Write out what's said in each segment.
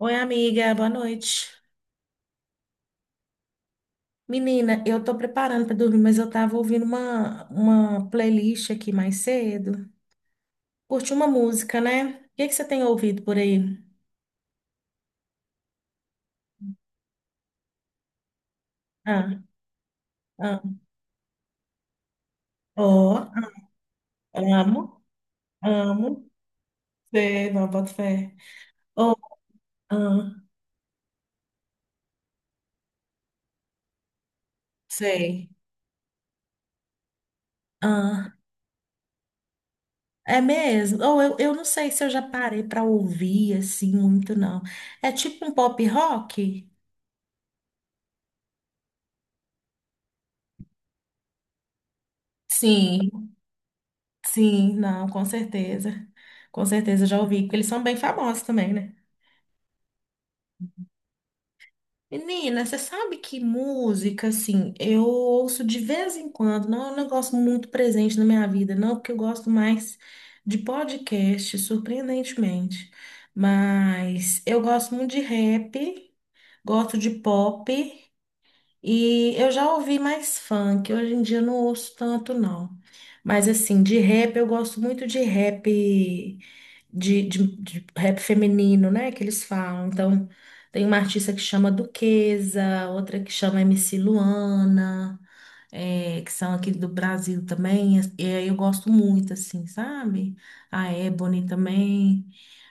Oi, amiga, boa noite. Menina, eu tô preparando pra dormir, mas eu tava ouvindo uma playlist aqui mais cedo. Curti uma música, né? O que que você tem ouvido por aí? Ah, ah, ó, amo, amo, sei, não, boto fé. Oh, ah, sei, ah, é mesmo. Ou eu não sei se eu já parei pra ouvir assim muito, não. É tipo um pop rock? Sim. Sim, não, com certeza. Com certeza já ouvi, porque eles são bem famosos também, né? Menina, você sabe que música, assim, eu ouço de vez em quando, não é um negócio muito presente na minha vida, não, porque eu gosto mais de podcast, surpreendentemente. Mas eu gosto muito de rap, gosto de pop. E eu já ouvi mais funk, hoje em dia eu não ouço tanto, não. Mas assim, de rap eu gosto muito de rap de rap feminino, né? Que eles falam. Então, tem uma artista que chama Duquesa, outra que chama MC Luana, que são aqui do Brasil também. E aí eu gosto muito, assim, sabe? A Ebony também.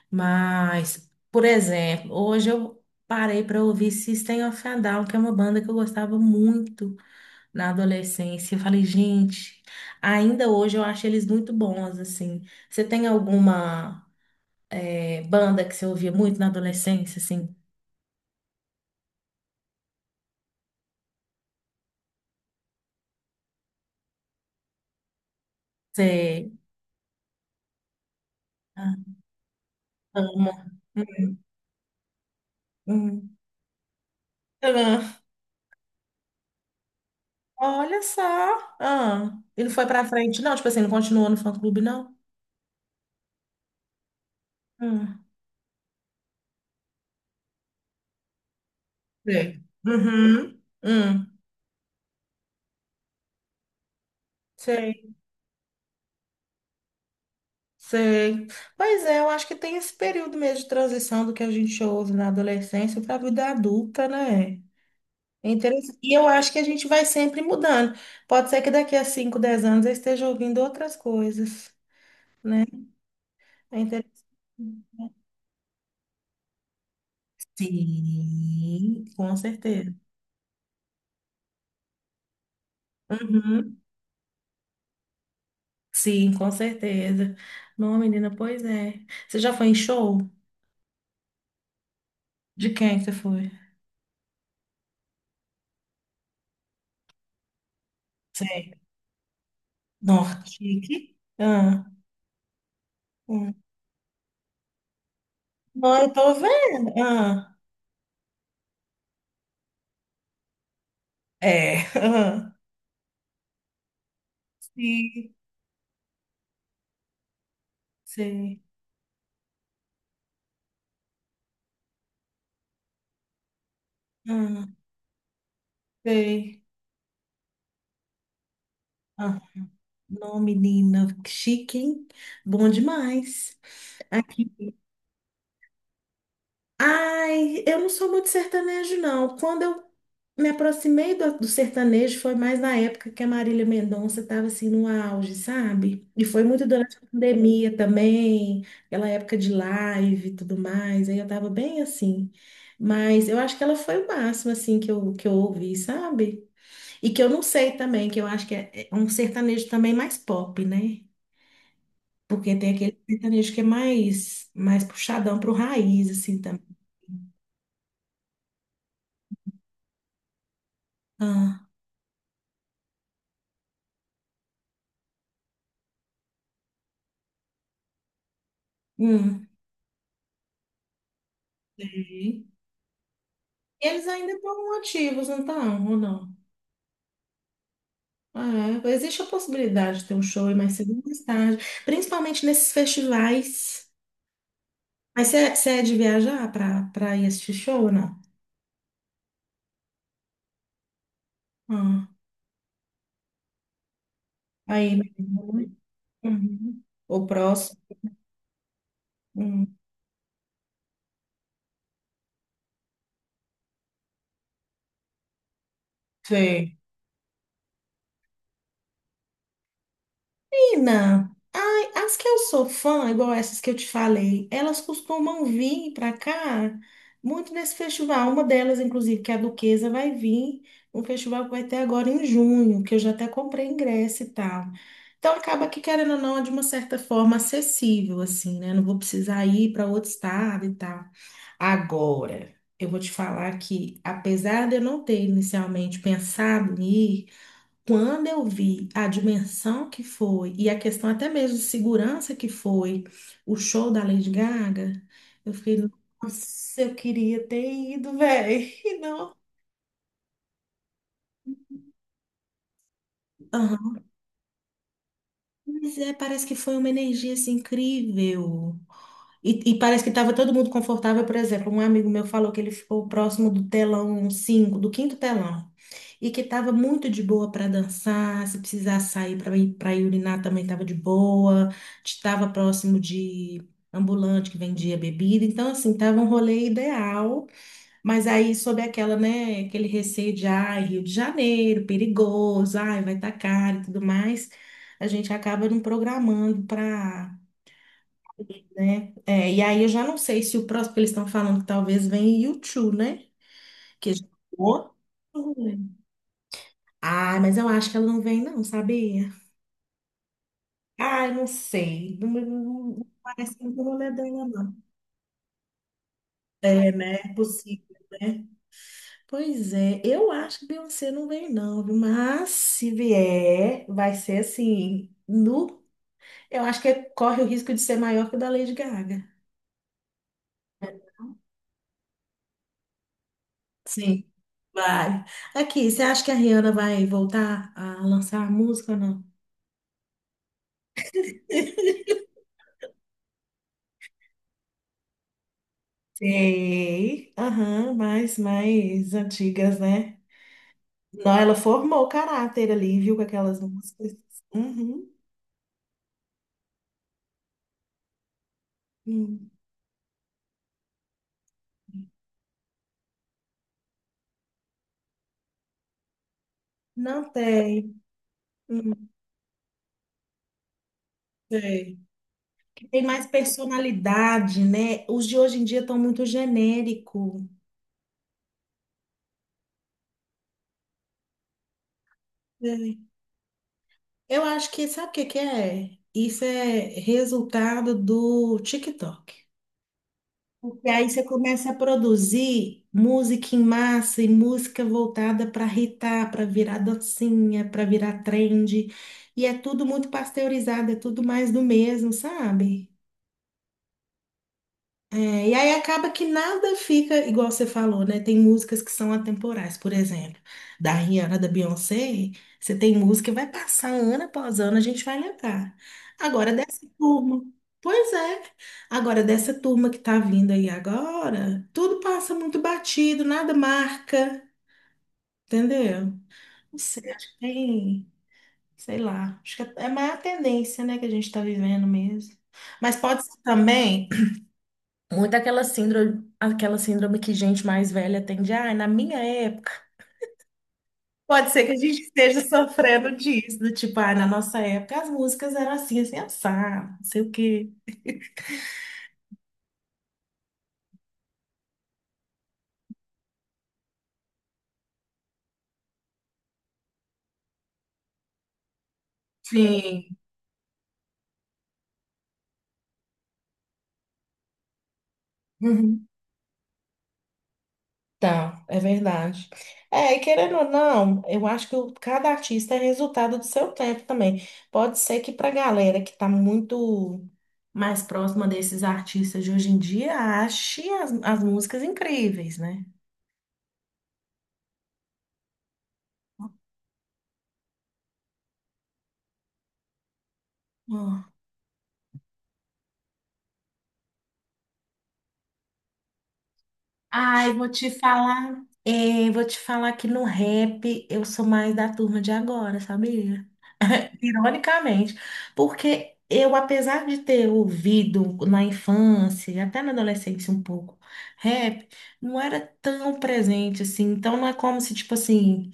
Mas, por exemplo, hoje eu parei para ouvir System of a Down, que é uma banda que eu gostava muito na adolescência. Eu falei, gente, ainda hoje eu acho eles muito bons, assim. Você tem alguma banda que você ouvia muito na adolescência, assim? Você ah, ama? Hum. Hum. Ah, olha só. Ah, ele foi pra frente, não? Tipo assim, não continuou no fã-clube, não? Hum. Sei. Uhum. Hum. Sei. Sei. Pois é, eu acho que tem esse período mesmo de transição do que a gente ouve na adolescência para a vida adulta, né? É interessante. E eu acho que a gente vai sempre mudando. Pode ser que daqui a cinco, dez anos eu esteja ouvindo outras coisas, né? É interessante. Sim, com certeza. Uhum. Sim, com certeza. Não, menina, pois é. Você já foi em show? De quem é que você foi? Sei. Norte. Ah, hum. Não, eu tô vendo. Ah. É. Aham. Sim, sei. Ah, sei. Ah, não, menina, que chique, hein? Bom demais. Aqui. Ai, eu não sou muito sertanejo, não. Quando eu me aproximei do sertanejo, foi mais na época que a Marília Mendonça estava assim no auge, sabe? E foi muito durante a pandemia também, aquela época de live e tudo mais. Aí eu tava bem assim. Mas eu acho que ela foi o máximo assim que eu ouvi, sabe? E que eu não sei também, que eu acho que é um sertanejo também mais pop, né? Porque tem aquele sertanejo que é mais, mais puxadão pro raiz, assim, também. Ah, hum. E eles ainda estão ativos, não estão, ou não? Ah, é. Existe a possibilidade de ter um show aí mais cedo ou mais tarde, principalmente nesses festivais. Mas você é de viajar para ir assistir show ou não? Ah, aí, né? Uhum. O próximo. Hum. Sim. Menina, ai, as que eu sou fã, igual essas que eu te falei, elas costumam vir para cá muito nesse festival. Uma delas, inclusive, que é a Duquesa, vai vir. Um festival que vai ter agora em junho, que eu já até comprei ingresso e tal. Então acaba que, querendo ou não, é de uma certa forma acessível, assim, né? Não vou precisar ir para outro estado e tal. Agora, eu vou te falar que, apesar de eu não ter inicialmente pensado em ir, quando eu vi a dimensão que foi e a questão até mesmo de segurança que foi o show da Lady Gaga, eu fiquei, nossa, eu queria ter ido, velho. Não. Aham. Mas é, parece que foi uma energia assim, incrível. E parece que estava todo mundo confortável, por exemplo, um amigo meu falou que ele ficou próximo do telão 5, do quinto telão, e que estava muito de boa para dançar, se precisar sair para ir para urinar também estava de boa, estava próximo de ambulante que vendia bebida, então assim, estava um rolê ideal, mas aí sob aquela, né, aquele receio de, ai, Rio de Janeiro, perigoso, ai, vai estar caro e tudo mais, a gente acaba não programando para né? É, e aí eu já não sei se o próximo, que eles estão falando que talvez venha U2, né? Que já outro rolê. Ah, mas eu acho que ela não vem, não, sabia? Ah, eu não sei. Não, parece muito o rolê dela, não. É, né? É possível, né? Pois é, eu acho que Beyoncé não vem, não, viu? Mas se vier, vai ser assim, no. Eu acho que corre o risco de ser maior que o da Lady Gaga. Sim. Vai. Aqui, você acha que a Rihanna vai voltar a lançar música ou não? Sei. Aham, mais, mais antigas, né? Não, ela formou o caráter ali, viu, com aquelas músicas. Uhum. Hum. Não tem. Não tem. Que tem mais personalidade, né? Os de hoje em dia estão muito genérico. Tem. Eu acho que, sabe o que que é? Isso é resultado do TikTok. Porque aí você começa a produzir música em massa e música voltada para hitar, para virar dancinha, para virar trend. E é tudo muito pasteurizado, é tudo mais do mesmo, sabe? É, e aí acaba que nada fica igual você falou, né? Tem músicas que são atemporais, por exemplo, da Rihanna, da Beyoncé, você tem música que vai passar ano após ano, a gente vai lembrar. Agora dessa turma, pois é, agora dessa turma que tá vindo aí agora, tudo passa muito batido, nada marca, entendeu? Não sei, acho que tem, sei lá, acho que é mais a tendência, né, que a gente tá vivendo mesmo. Mas pode ser também muito aquela síndrome que gente mais velha tem de, ah, na minha época. Pode ser que a gente esteja sofrendo disso, do tipo, ah, na nossa época as músicas eram assim, assim, assado, não sei o quê. Sim. Uhum. Tá, é verdade. É, e querendo ou não, eu acho que o- cada artista é resultado do seu tempo também. Pode ser que pra galera que tá muito mais próxima desses artistas de hoje em dia, ache as músicas incríveis, né? Ai, vou te falar. Vou te falar que no rap eu sou mais da turma de agora, sabia? Ironicamente, porque eu, apesar de ter ouvido na infância, e até na adolescência um pouco, rap, não era tão presente assim. Então não é como se, tipo assim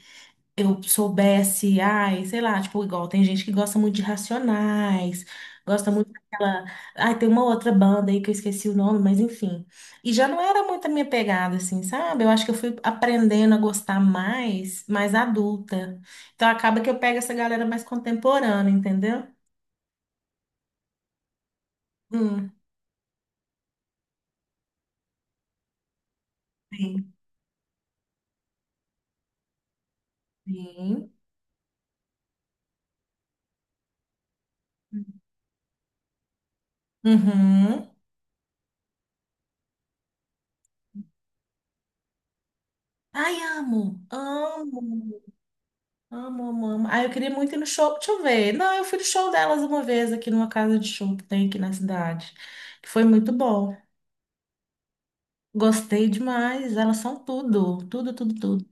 eu soubesse, ai, sei lá, tipo, igual tem gente que gosta muito de Racionais, gosta muito daquela. Ai, tem uma outra banda aí que eu esqueci o nome, mas enfim. E já não era muito a minha pegada, assim, sabe? Eu acho que eu fui aprendendo a gostar mais, mais adulta. Então acaba que eu pego essa galera mais contemporânea, entendeu? Hum, sim, sim. Uhum. Ai, amo, amo. Amo, amo, amo. Ah, eu queria muito ir no show. Deixa eu ver. Não, eu fui no show delas uma vez aqui numa casa de show que tem aqui na cidade. Que foi muito bom. Gostei demais. Elas são tudo. Tudo, tudo, tudo.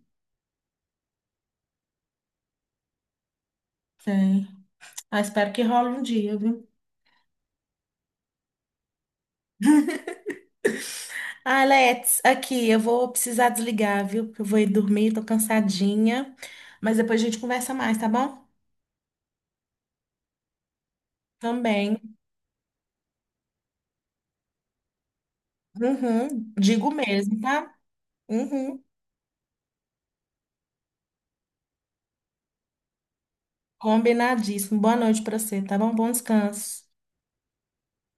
Tem. Ah, espero que role um dia, viu? Ah, Let's, aqui, eu vou precisar desligar, viu? Porque eu vou ir dormir, tô cansadinha. Mas depois a gente conversa mais, tá bom? Também. Uhum. Digo mesmo, tá? Uhum. Combinadíssimo. Boa noite pra você, tá bom? Bom descanso.